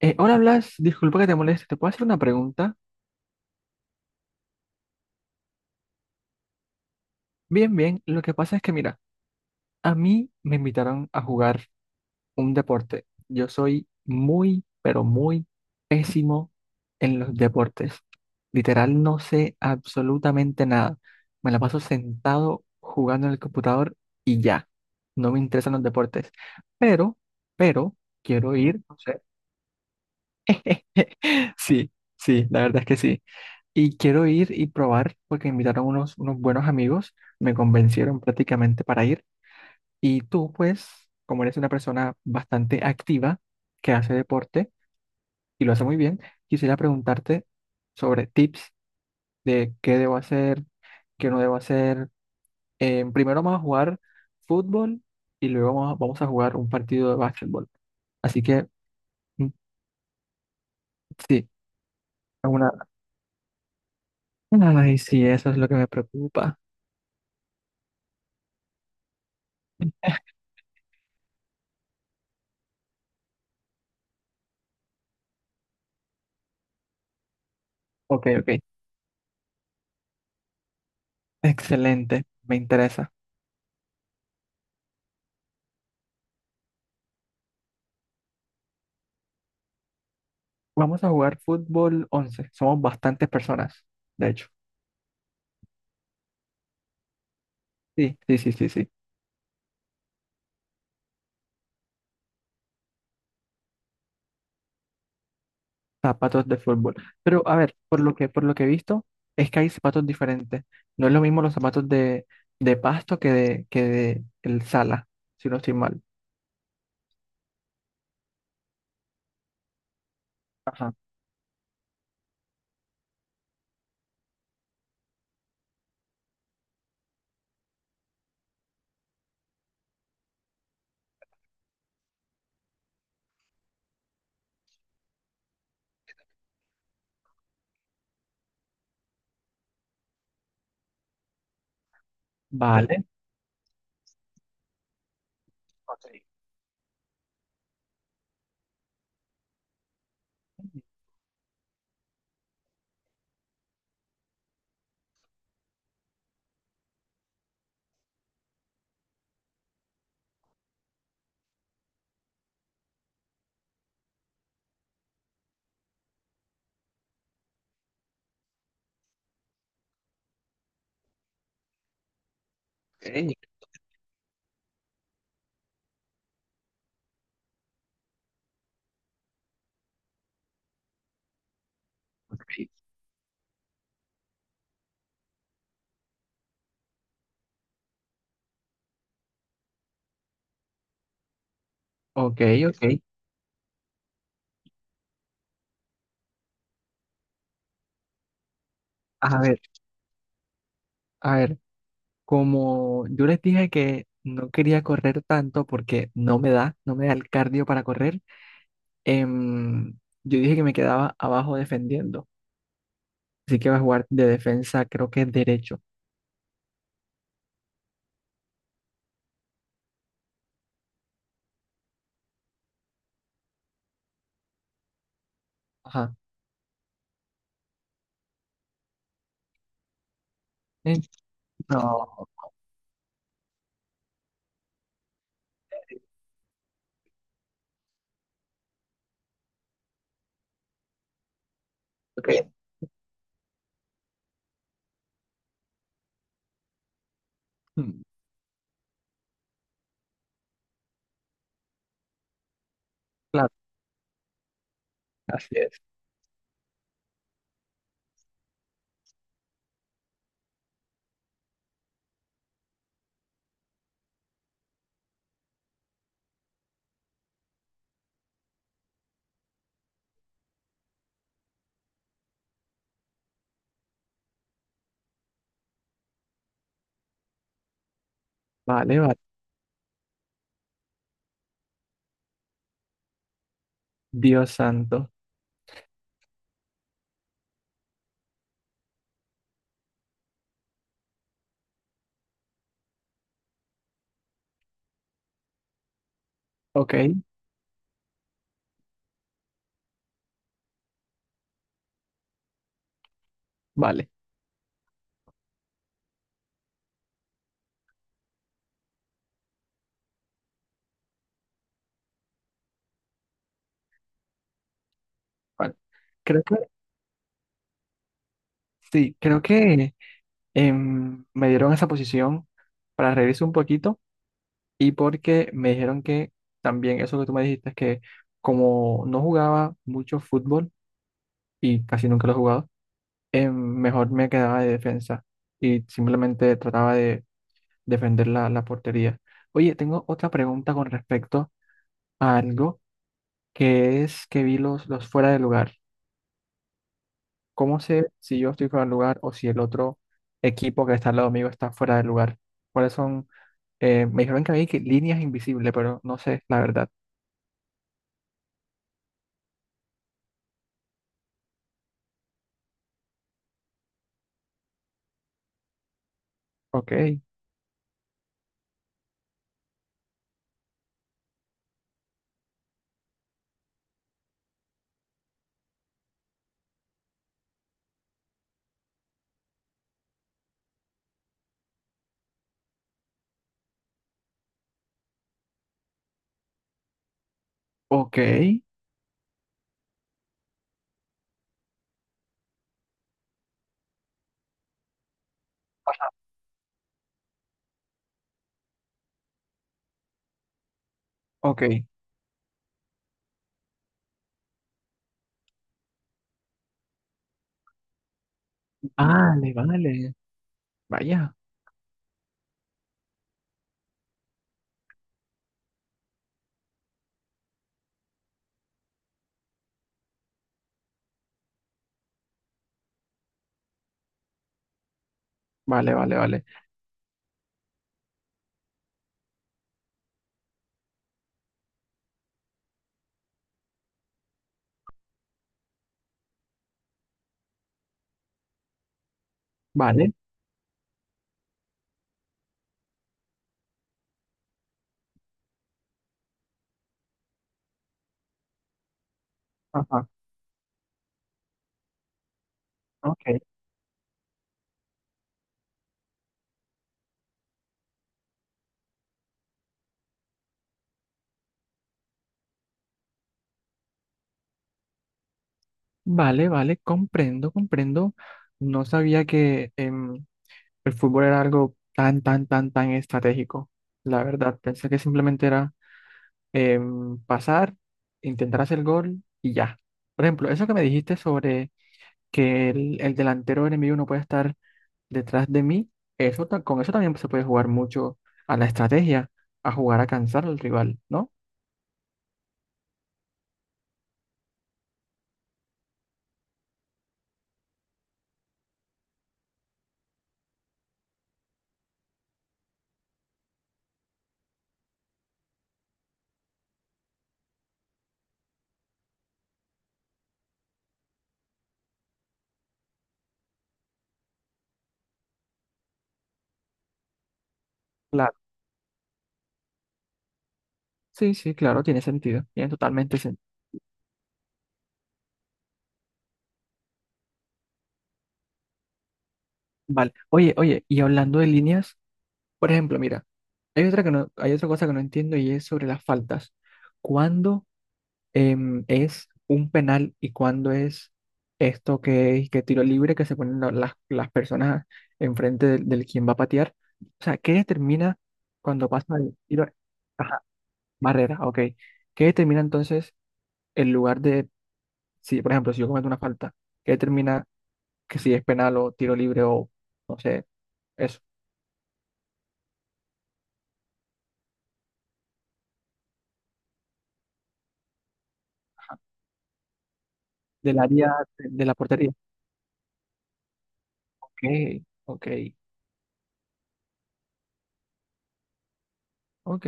Hola Blas, disculpa que te moleste, ¿te puedo hacer una pregunta? Bien, bien, lo que pasa es que mira, a mí me invitaron a jugar un deporte. Yo soy muy, pero muy pésimo en los deportes. Literal, no sé absolutamente nada. Me la paso sentado jugando en el computador y ya. No me interesan los deportes. Pero, pero, quiero ir, no sé. Sí, sí, la verdad es que sí. Y quiero ir y probar porque invitaron unos buenos amigos, me convencieron prácticamente para ir. Y tú, pues, como eres una persona bastante activa que hace deporte y lo hace muy bien, quisiera preguntarte sobre tips de qué debo hacer, qué no debo hacer. Primero vamos a jugar fútbol y luego vamos a jugar un partido de básquetbol. Así que, mm, sí, una... Ay, sí, eso es lo que me preocupa. Ok, ok, excelente, me interesa. Vamos a jugar fútbol 11. Somos bastantes personas, de hecho. Sí, sí, sí, sí, sí. Zapatos de fútbol. Pero a ver, por lo que he visto, es que hay zapatos diferentes. No es lo mismo los zapatos de pasto que de el sala, si no estoy mal. Ajá. Vale, ok, ok. A ver, a ver, como yo les dije que no quería correr tanto porque no me da el cardio para correr, em, yo dije que me quedaba abajo defendiendo. Así que va a jugar de defensa, creo que es derecho. Ajá. Eh, no, ok. Mm. Claro, así es. Vale, vale. Dios santo. Ok, vale, vale. Creo que, sí, creo que me dieron esa posición para reírse un poquito y porque me dijeron que también eso que tú me dijiste, que como no jugaba mucho fútbol y casi nunca lo he jugado, mejor me quedaba de defensa y simplemente trataba de defender la portería. Oye, tengo otra pregunta con respecto a algo que es que vi los fuera de lugar. ¿Cómo sé si yo estoy fuera de lugar o si el otro equipo que está al lado mío está fuera de lugar? ¿Cuáles son? Me dijeron que había que líneas invisibles, pero no sé, la verdad. Ok, ok, ok. Vale, vale. Vaya, vale, vale, vale. Vale, ajá, ok. Vale, vale, comprendo, comprendo. No sabía que... el fútbol era algo tan, tan, tan, tan estratégico. La verdad, pensé que simplemente era pasar, intentar hacer el gol y ya. Por ejemplo, eso que me dijiste sobre que el delantero enemigo no puede estar detrás de mí, eso, con eso también se puede jugar mucho a la estrategia, a jugar a cansar al rival, ¿no? Claro. Sí, sí, claro, tiene sentido, tiene totalmente sentido. Vale. Oye, oye, y hablando de líneas. Por ejemplo, mira, hay otra cosa que no entiendo y es sobre las faltas. ¿Cuándo es un penal y cuándo es esto que es que tiro libre que se ponen las personas enfrente del quien va a patear? O sea, ¿qué determina cuando pasa el tiro? Ajá, barrera, ok. ¿Qué determina entonces el lugar de, si por ejemplo, si yo cometo una falta, ¿qué determina que si es penal o tiro libre o no sé, eso? Del área de la portería. Ok, ok. Ok,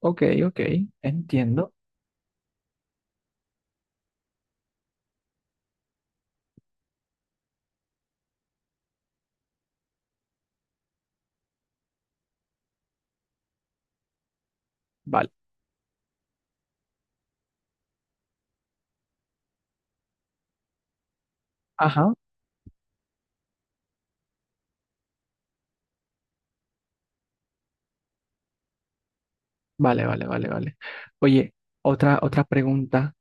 ok, ok, entiendo. Vale, ajá, vale, vale, vale, vale. Oye, otra, otra pregunta.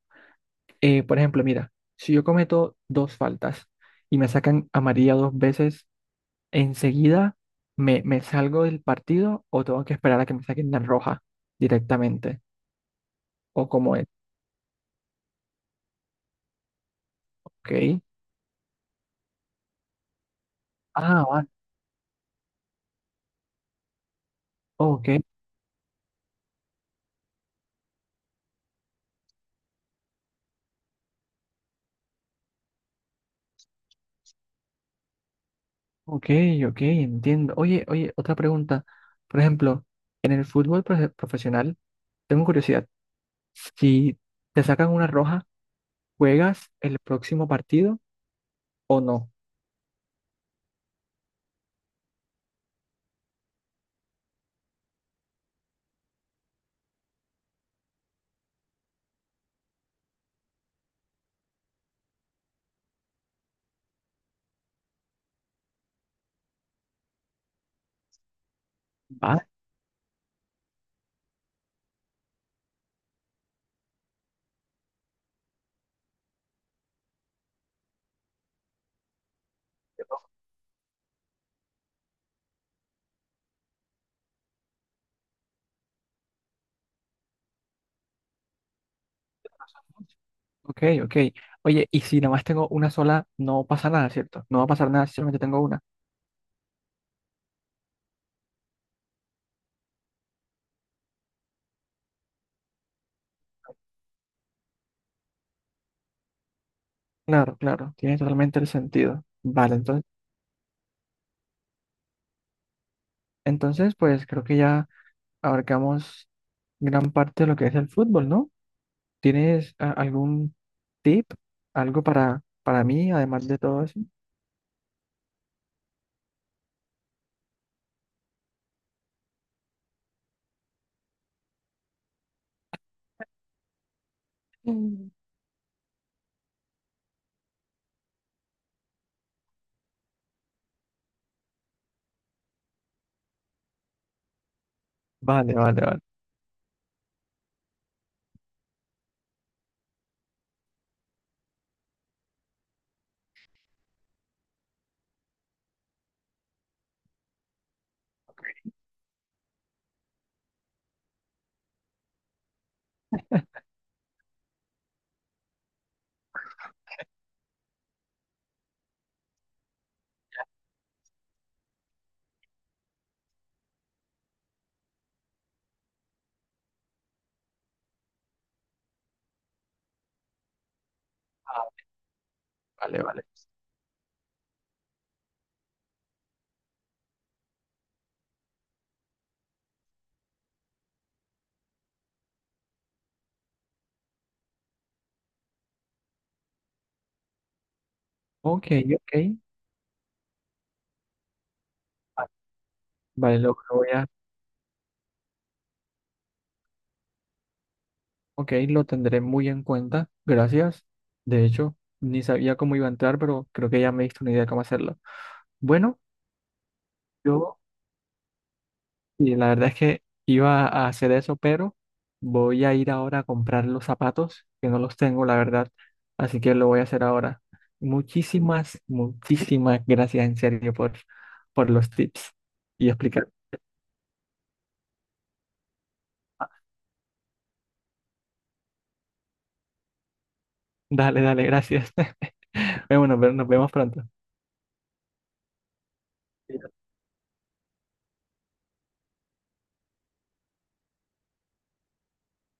Por ejemplo, mira, si yo cometo dos faltas y me sacan amarilla dos veces, ¿enseguida me salgo del partido o tengo que esperar a que me saquen la roja directamente? ¿O cómo es? Ok. Ah, vale, ok, ok, ok, entiendo. Oye, oye, otra pregunta. Por ejemplo, en el fútbol profesional, tengo curiosidad. Si te sacan una roja, ¿juegas el próximo partido o no? Vale, ok, ok. Oye, y si nada más tengo una sola, no pasa nada, ¿cierto? No va a pasar nada si solamente tengo una. Claro, claro, tiene totalmente el sentido. Vale, entonces, pues creo que ya abarcamos gran parte de lo que es el fútbol, ¿no? ¿Tienes algún tip, algo para mí, además de todo eso? Mm. Vale, vale, vale. Ah, vale, vale. Ok, ok. Vale, lo voy a... Ok, lo tendré muy en cuenta. Gracias. De hecho, ni sabía cómo iba a entrar, pero creo que ya me diste una idea de cómo hacerlo. Bueno, yo, y la verdad es que iba a hacer eso, pero voy a ir ahora a comprar los zapatos, que no los tengo, la verdad. Así que lo voy a hacer ahora. Muchísimas, muchísimas gracias en serio por los tips y explicar. Dale, dale, gracias. Bueno, nos vemos pronto.